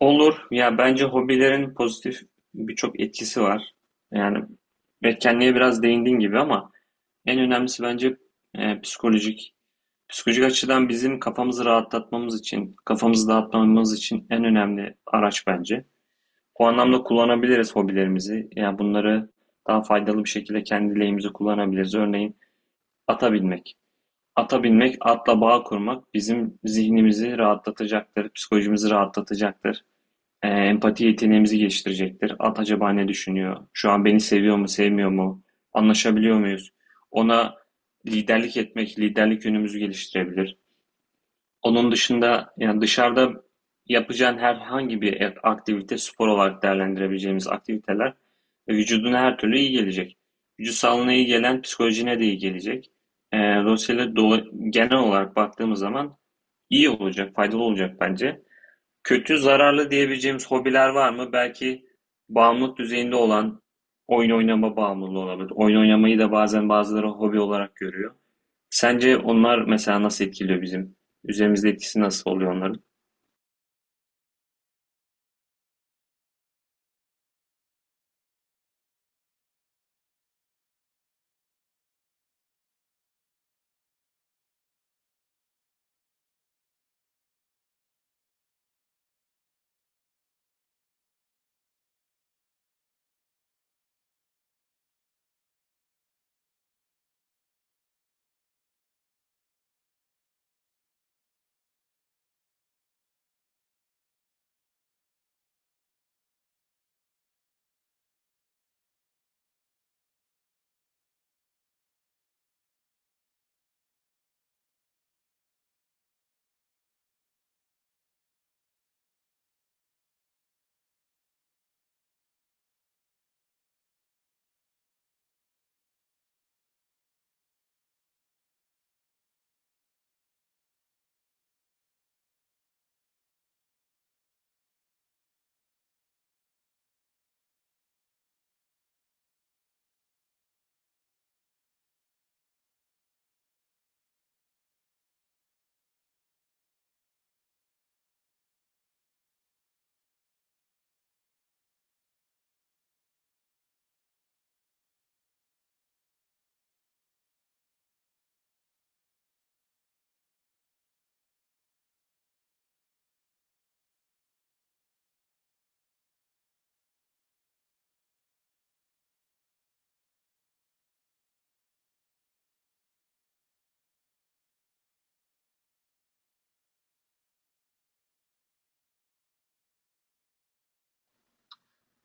Olur. Ya bence hobilerin pozitif birçok etkisi var. Yani etkenliğe biraz değindiğin gibi ama en önemlisi bence psikolojik. Psikolojik açıdan bizim kafamızı rahatlatmamız için, kafamızı dağıtmamamız için en önemli araç bence. O anlamda kullanabiliriz hobilerimizi. Yani bunları daha faydalı bir şekilde kendi lehimize kullanabiliriz. Örneğin ata binmek. Ata binmek, atla bağ kurmak bizim zihnimizi rahatlatacaktır, psikolojimizi rahatlatacaktır. Empati yeteneğimizi geliştirecektir. At acaba ne düşünüyor? Şu an beni seviyor mu, sevmiyor mu? Anlaşabiliyor muyuz? Ona liderlik etmek, liderlik yönümüzü geliştirebilir. Onun dışında yani dışarıda yapacağın herhangi bir aktivite, spor olarak değerlendirebileceğimiz aktiviteler vücuduna her türlü iyi gelecek. Vücut sağlığına iyi gelen psikolojine de iyi gelecek. Dolayısıyla genel olarak baktığımız zaman iyi olacak, faydalı olacak bence. Kötü, zararlı diyebileceğimiz hobiler var mı? Belki bağımlılık düzeyinde olan oyun oynama bağımlılığı olabilir. Oyun oynamayı da bazen bazıları hobi olarak görüyor. Sence onlar mesela nasıl etkiliyor bizim? Üzerimizde etkisi nasıl oluyor onların?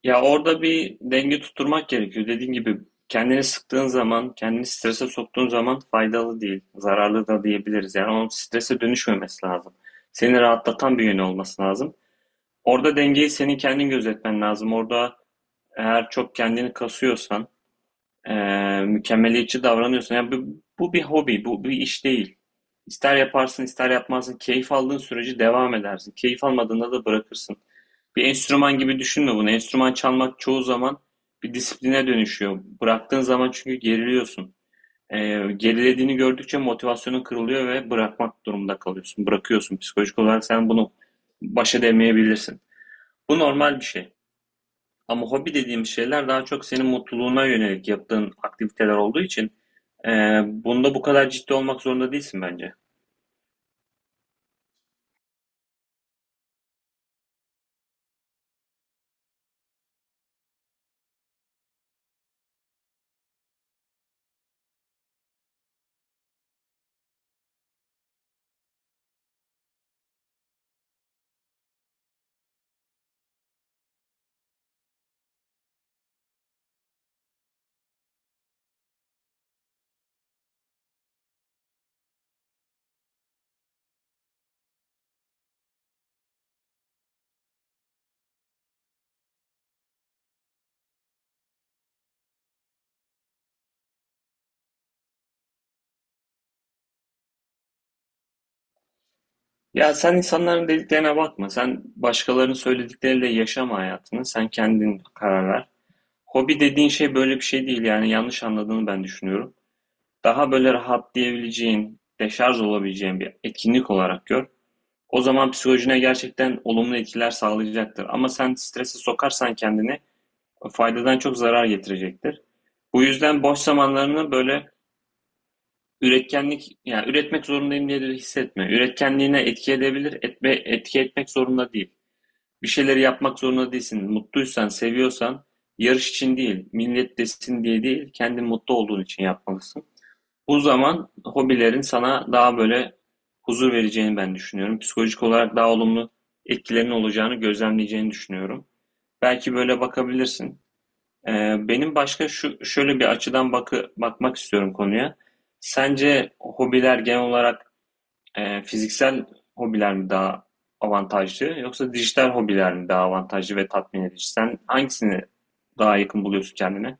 Ya orada bir denge tutturmak gerekiyor. Dediğim gibi kendini sıktığın zaman, kendini strese soktuğun zaman faydalı değil, zararlı da diyebiliriz. Yani onun strese dönüşmemesi lazım. Seni rahatlatan bir yönü olması lazım. Orada dengeyi senin kendin gözetmen lazım. Orada eğer çok kendini kasıyorsan, mükemmeliyetçi davranıyorsan, yani bu bir hobi, bu bir iş değil. İster yaparsın, ister yapmazsın. Keyif aldığın sürece devam edersin. Keyif almadığında da bırakırsın. Bir enstrüman gibi düşünme bunu. Enstrüman çalmak çoğu zaman bir disipline dönüşüyor. Bıraktığın zaman çünkü geriliyorsun. Gerilediğini gördükçe motivasyonun kırılıyor ve bırakmak durumunda kalıyorsun. Bırakıyorsun. Psikolojik olarak sen bunu baş edemeyebilirsin. Bu normal bir şey. Ama hobi dediğim şeyler daha çok senin mutluluğuna yönelik yaptığın aktiviteler olduğu için e, bunda bu kadar ciddi olmak zorunda değilsin bence. Ya sen insanların dediklerine bakma. Sen başkalarının söyledikleriyle yaşama hayatını. Sen kendin karar ver. Hobi dediğin şey böyle bir şey değil, yani yanlış anladığını ben düşünüyorum. Daha böyle rahatlayabileceğin, deşarj olabileceğin bir etkinlik olarak gör. O zaman psikolojine gerçekten olumlu etkiler sağlayacaktır. Ama sen strese sokarsan kendini faydadan çok zarar getirecektir. Bu yüzden boş zamanlarını böyle üretkenlik, yani üretmek zorundayım diye de hissetme. Üretkenliğine etki edebilir, etme, etki etmek zorunda değil. Bir şeyleri yapmak zorunda değilsin. Mutluysan, seviyorsan, yarış için değil, millet desin diye değil, kendin mutlu olduğun için yapmalısın. Bu zaman hobilerin sana daha böyle huzur vereceğini ben düşünüyorum. Psikolojik olarak daha olumlu etkilerinin olacağını gözlemleyeceğini düşünüyorum. Belki böyle bakabilirsin. Benim başka şu şöyle bir açıdan bakmak istiyorum konuya. Sence hobiler genel olarak fiziksel hobiler mi daha avantajlı, yoksa dijital hobiler mi daha avantajlı ve tatmin edici? Sen hangisini daha yakın buluyorsun kendine?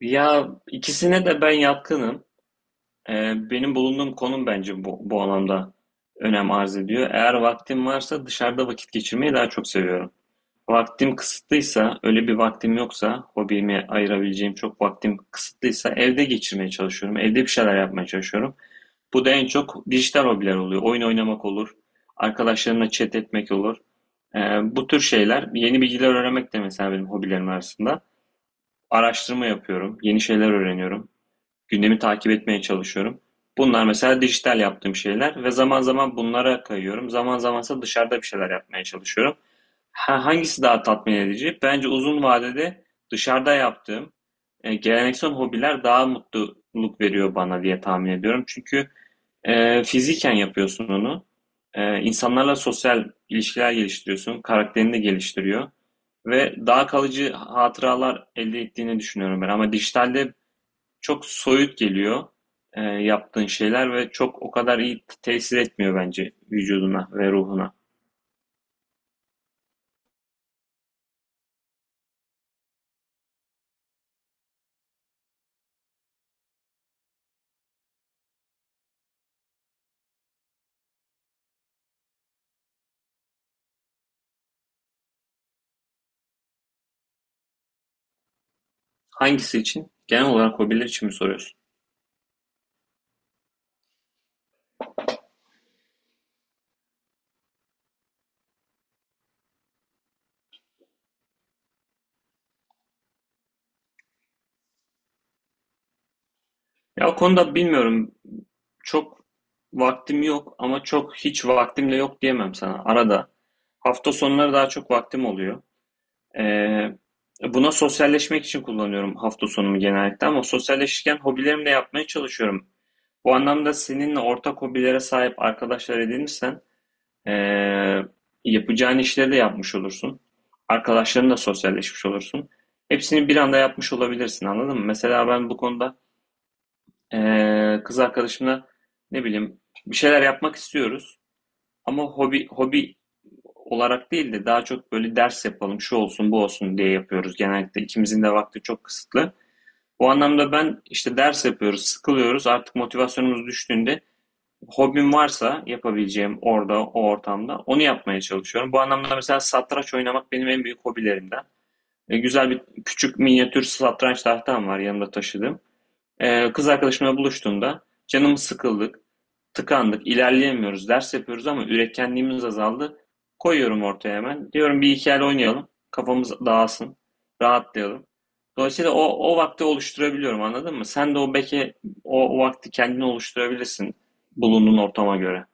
Ya ikisine de ben yatkınım. Benim bulunduğum konum bence bu anlamda önem arz ediyor. Eğer vaktim varsa dışarıda vakit geçirmeyi daha çok seviyorum. Vaktim kısıtlıysa, öyle bir vaktim yoksa, hobime ayırabileceğim çok vaktim kısıtlıysa evde geçirmeye çalışıyorum. Evde bir şeyler yapmaya çalışıyorum. Bu da en çok dijital hobiler oluyor. Oyun oynamak olur, arkadaşlarımla chat etmek olur. Bu tür şeyler, yeni bilgiler öğrenmek de mesela benim hobilerim arasında. Araştırma yapıyorum, yeni şeyler öğreniyorum, gündemi takip etmeye çalışıyorum. Bunlar mesela dijital yaptığım şeyler ve zaman zaman bunlara kayıyorum. Zaman zamansa dışarıda bir şeyler yapmaya çalışıyorum. Ha, hangisi daha tatmin edici? Bence uzun vadede dışarıda yaptığım geleneksel hobiler daha mutluluk veriyor bana diye tahmin ediyorum. Çünkü fiziken yapıyorsun onu. İnsanlarla sosyal ilişkiler geliştiriyorsun. Karakterini de geliştiriyor. Ve daha kalıcı hatıralar elde ettiğini düşünüyorum ben. Ama dijitalde çok soyut geliyor yaptığın şeyler ve çok o kadar iyi tesir etmiyor bence vücuduna ve ruhuna. Hangisi için? Genel olarak hobiler için mi soruyorsun? Ya o konuda bilmiyorum. Çok vaktim yok ama çok hiç vaktim de yok diyemem sana. Arada. Hafta sonları daha çok vaktim oluyor. Ee, Buna sosyalleşmek için kullanıyorum hafta sonumu genellikle, ama sosyalleşirken hobilerimi de yapmaya çalışıyorum. Bu anlamda seninle ortak hobilere sahip arkadaşlar edinirsen Ee, yapacağın işleri de yapmış olursun. Arkadaşlarınla sosyalleşmiş olursun. Hepsini bir anda yapmış olabilirsin, anladın mı? Mesela ben bu konuda kız arkadaşımla, ne bileyim, bir şeyler yapmak istiyoruz. Ama hobi olarak değil de daha çok böyle ders yapalım, şu olsun, bu olsun diye yapıyoruz. Genellikle ikimizin de vakti çok kısıtlı. O anlamda ben işte ders yapıyoruz, sıkılıyoruz. Artık motivasyonumuz düştüğünde hobim varsa yapabileceğim orada, o ortamda onu yapmaya çalışıyorum. Bu anlamda mesela satranç oynamak benim en büyük hobilerimden. Güzel bir küçük minyatür satranç tahtam var yanımda taşıdığım. Kız arkadaşımla buluştuğumda canımız sıkıldık, tıkandık, ilerleyemiyoruz, ders yapıyoruz ama üretkenliğimiz azaldı. Koyuyorum ortaya hemen. Diyorum bir hikaye oynayalım, kafamız dağılsın, rahatlayalım. Dolayısıyla o vakti oluşturabiliyorum, anladın mı? Sen de o belki o vakti kendine oluşturabilirsin bulunduğun ortama göre.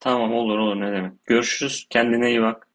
Tamam, olur olur, ne demek. Görüşürüz. Kendine iyi bak.